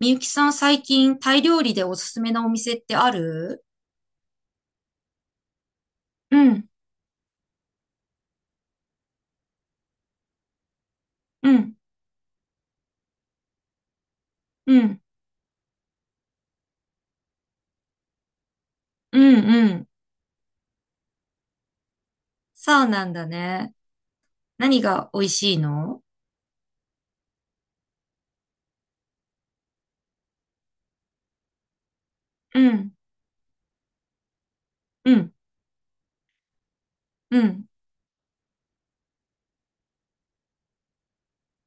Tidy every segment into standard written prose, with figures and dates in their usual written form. みゆきさん、最近タイ料理でおすすめなお店ってある？うん、うん、うん、うん、うん、そうなんだね。何が美味しいの？うん、うん、うん。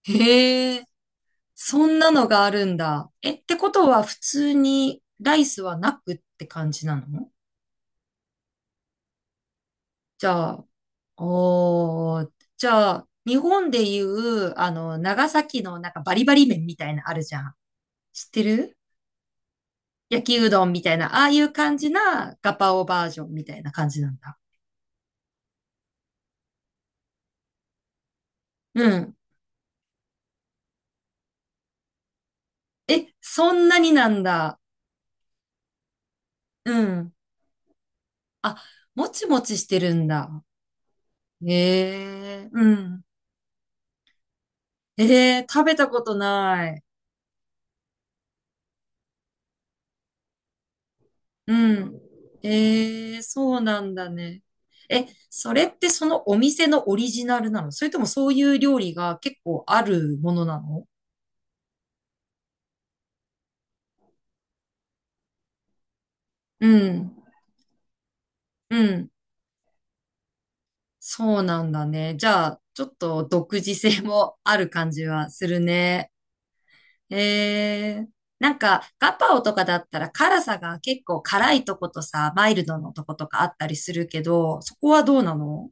へえ、そんなのがあるんだ。え、ってことは普通にライスはなくって感じなの？じゃあ、おー、じゃあ、日本でいう、長崎のなんかバリバリ麺みたいなのあるじゃん。知ってる？焼きうどんみたいな、ああいう感じなガパオバージョンみたいな感じなんだ。うん。え、そんなになんだ。うん。あ、もちもちしてるんだ。へえ、うん。ええ、食べたことない。うん。ええ、そうなんだね。え、それってそのお店のオリジナルなの？それともそういう料理が結構あるものなの？うん。うん。そうなんだね。じゃあ、ちょっと独自性もある感じはするね。えー、なんか、ガパオとかだったら辛さが結構辛いとことさ、マイルドのとことかあったりするけど、そこはどうなの？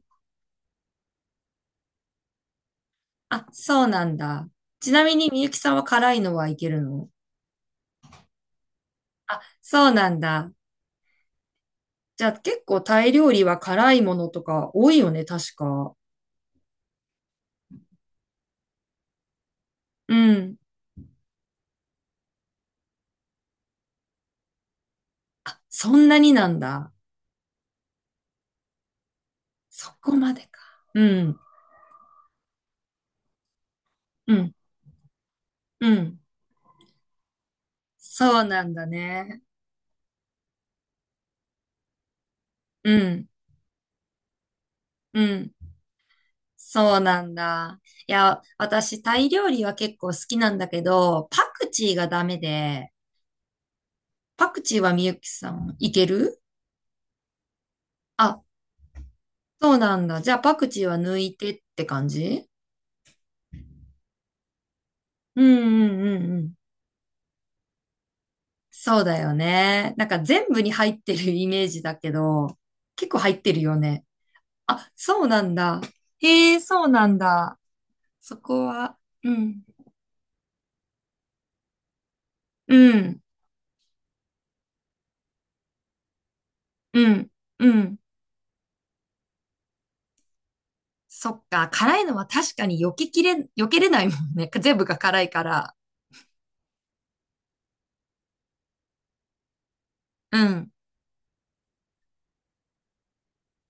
あ、そうなんだ。ちなみにみゆきさんは辛いのはいけるの？そうなんだ。じゃあ結構タイ料理は辛いものとか多いよね、確か。うん。そんなになんだ。そこまでか。うん。うん。うん。そうなんだね。うん、うん。そうなんだ。いや、私、タイ料理は結構好きなんだけど、パクチーがダメで、パクチーはみゆきさん、いける？あ、そうなんだ。じゃあ、パクチーは抜いてって感じ？うんうんうんうん。そうだよね。なんか全部に入ってるイメージだけど、結構入ってるよね。あ、そうなんだ。へえ、そうなんだ。そこは、うん、うん、うん、うん。そっか、辛いのは確かに避けきれ、避けれないもんね。全部が辛いから。うん、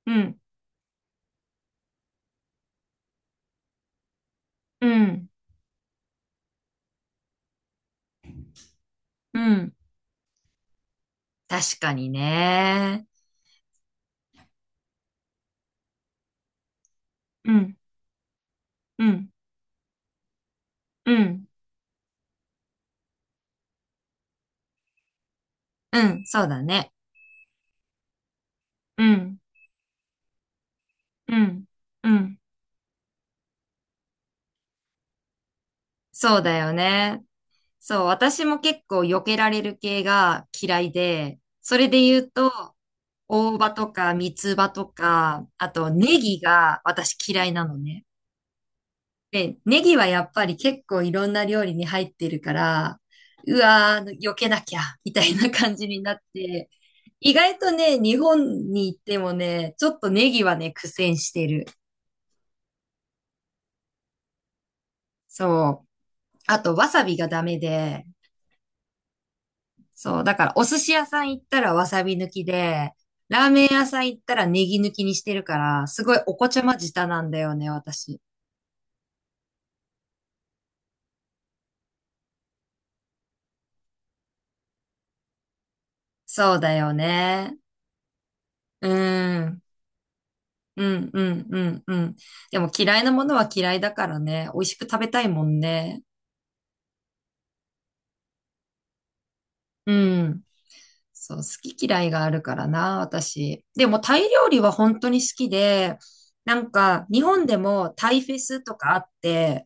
うん、うん、うん。確かにね。うん、うん、うん、うん、そうだね。うん、うん、うん。そうだよね。そう、私も結構避けられる系が嫌いで、それで言うと、大葉とか三つ葉とか、あとネギが私嫌いなのね。で、ネギはやっぱり結構いろんな料理に入ってるから、うわー、避けなきゃ、みたいな感じになって、意外とね、日本に行ってもね、ちょっとネギはね、苦戦してる。そう。あと、わさびがダメで、そう。だから、お寿司屋さん行ったらわさび抜きで、ラーメン屋さん行ったらネギ抜きにしてるから、すごいお子ちゃま舌なんだよね、私。そうだよね。うん。うんうんうんうん。でも嫌いなものは嫌いだからね。美味しく食べたいもんね。うん。そう、好き嫌いがあるからな、私。でもタイ料理は本当に好きで、なんか日本でもタイフェスとかあって、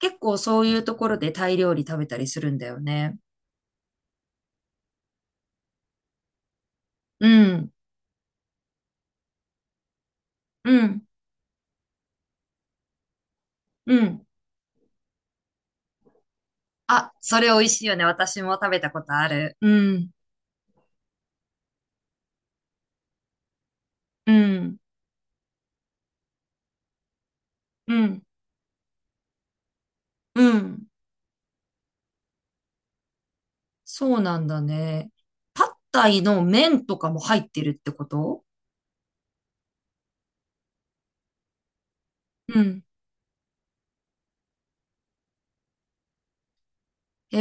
結構そういうところでタイ料理食べたりするんだよね。うん、うん、うん。あ、それ美味しいよね。私も食べたことある。うん、うん、うん、うん。そうなんだね。パッタイの麺とかも入ってるってこと？うん。へ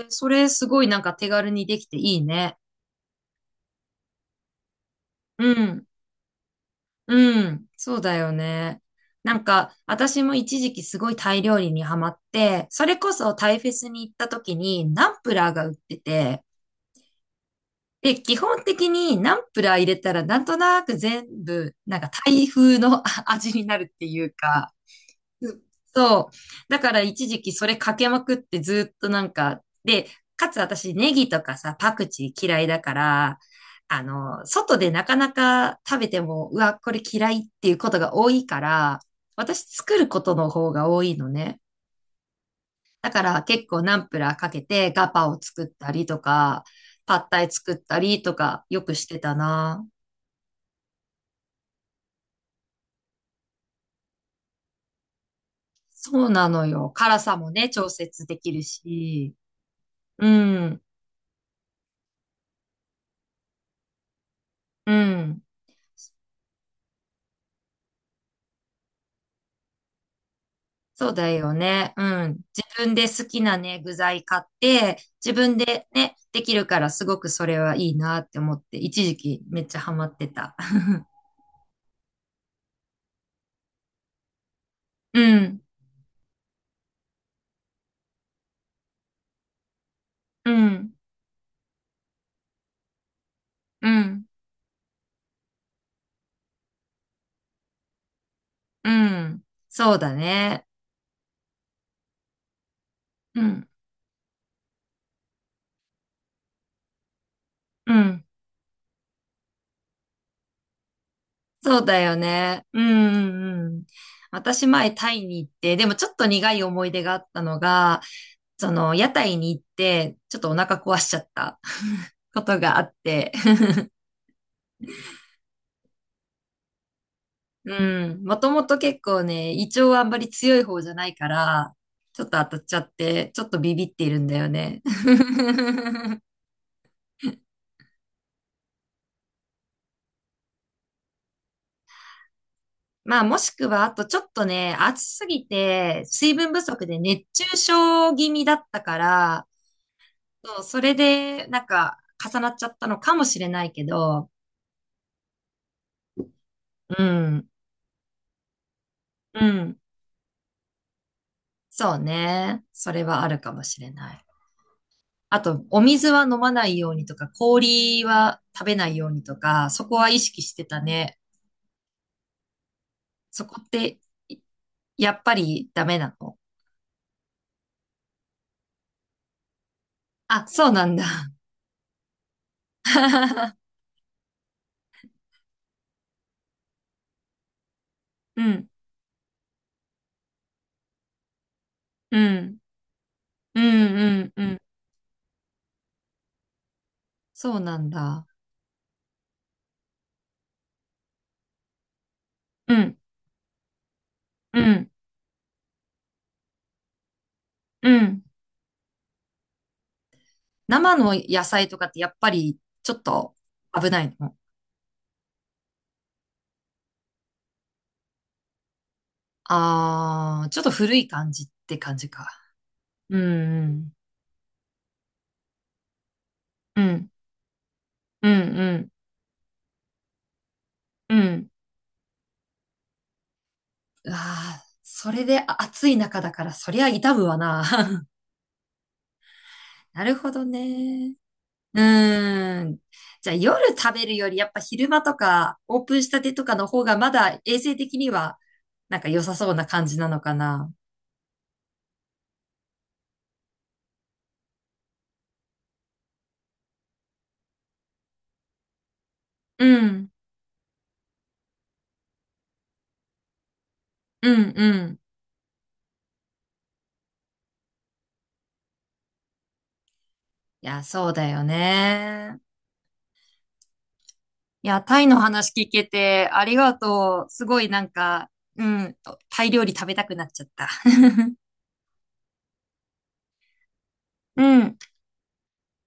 え、それすごいなんか手軽にできていいね。うん。うん。そうだよね。なんか、私も一時期すごいタイ料理にハマって、それこそタイフェスに行った時にナンプラーが売ってて、で、基本的にナンプラー入れたらなんとなく全部、なんかタイ風の 味になるっていうか、そう。だから一時期それかけまくってずっとなんか、で、かつ私ネギとかさ、パクチー嫌いだから、外でなかなか食べても、うわ、これ嫌いっていうことが多いから、私作ることの方が多いのね。だから結構ナンプラーかけてガパを作ったりとか、パッタイ作ったりとかよくしてたな。そうなのよ。辛さもね、調節できるし。うん、うん。そうだよね。うん。自分で好きなね、具材買って、自分でね、できるからすごくそれはいいなって思って、一時期めっちゃハマってた。うん、うん、うん、うん。そうだね。うん、うん。そうだよね。うん、うん、うん。私前タイに行って、でもちょっと苦い思い出があったのが、その屋台に行って、ちょっとお腹壊しちゃった ことがあって。うん。もともと結構ね、胃腸はあんまり強い方じゃないから、ちょっと当たっちゃって、ちょっとビビっているんだよね。まあ、もしくは、あとちょっとね、暑すぎて、水分不足で熱中症気味だったから、そう、それで、なんか、重なっちゃったのかもしれないけど、うん、うん。そうね。それはあるかもしれない。あと、お水は飲まないようにとか、氷は食べないようにとか、そこは意識してたね。そこって、いやっぱりダメなの？あ、そうなんだ。うん、うん、うん、うん、うん。そうなんだ。うん、うん、うん。生の野菜とかってやっぱりちょっと危ないの？あー、ちょっと古い感じって感じか。うん、うん、うん、うん、うん。うん、あー、それであ暑い中だからそりゃ痛むわな。なるほどね。うーん。じゃあ夜食べるよりやっぱ昼間とかオープンしたてとかの方がまだ衛生的にはなんか良さそうな感じなのかな。うん。うん、うん。いや、そうだよね。いや、タイの話聞けてありがとう。すごいなんか、うん、タイ料理食べたくなっちゃった。うん。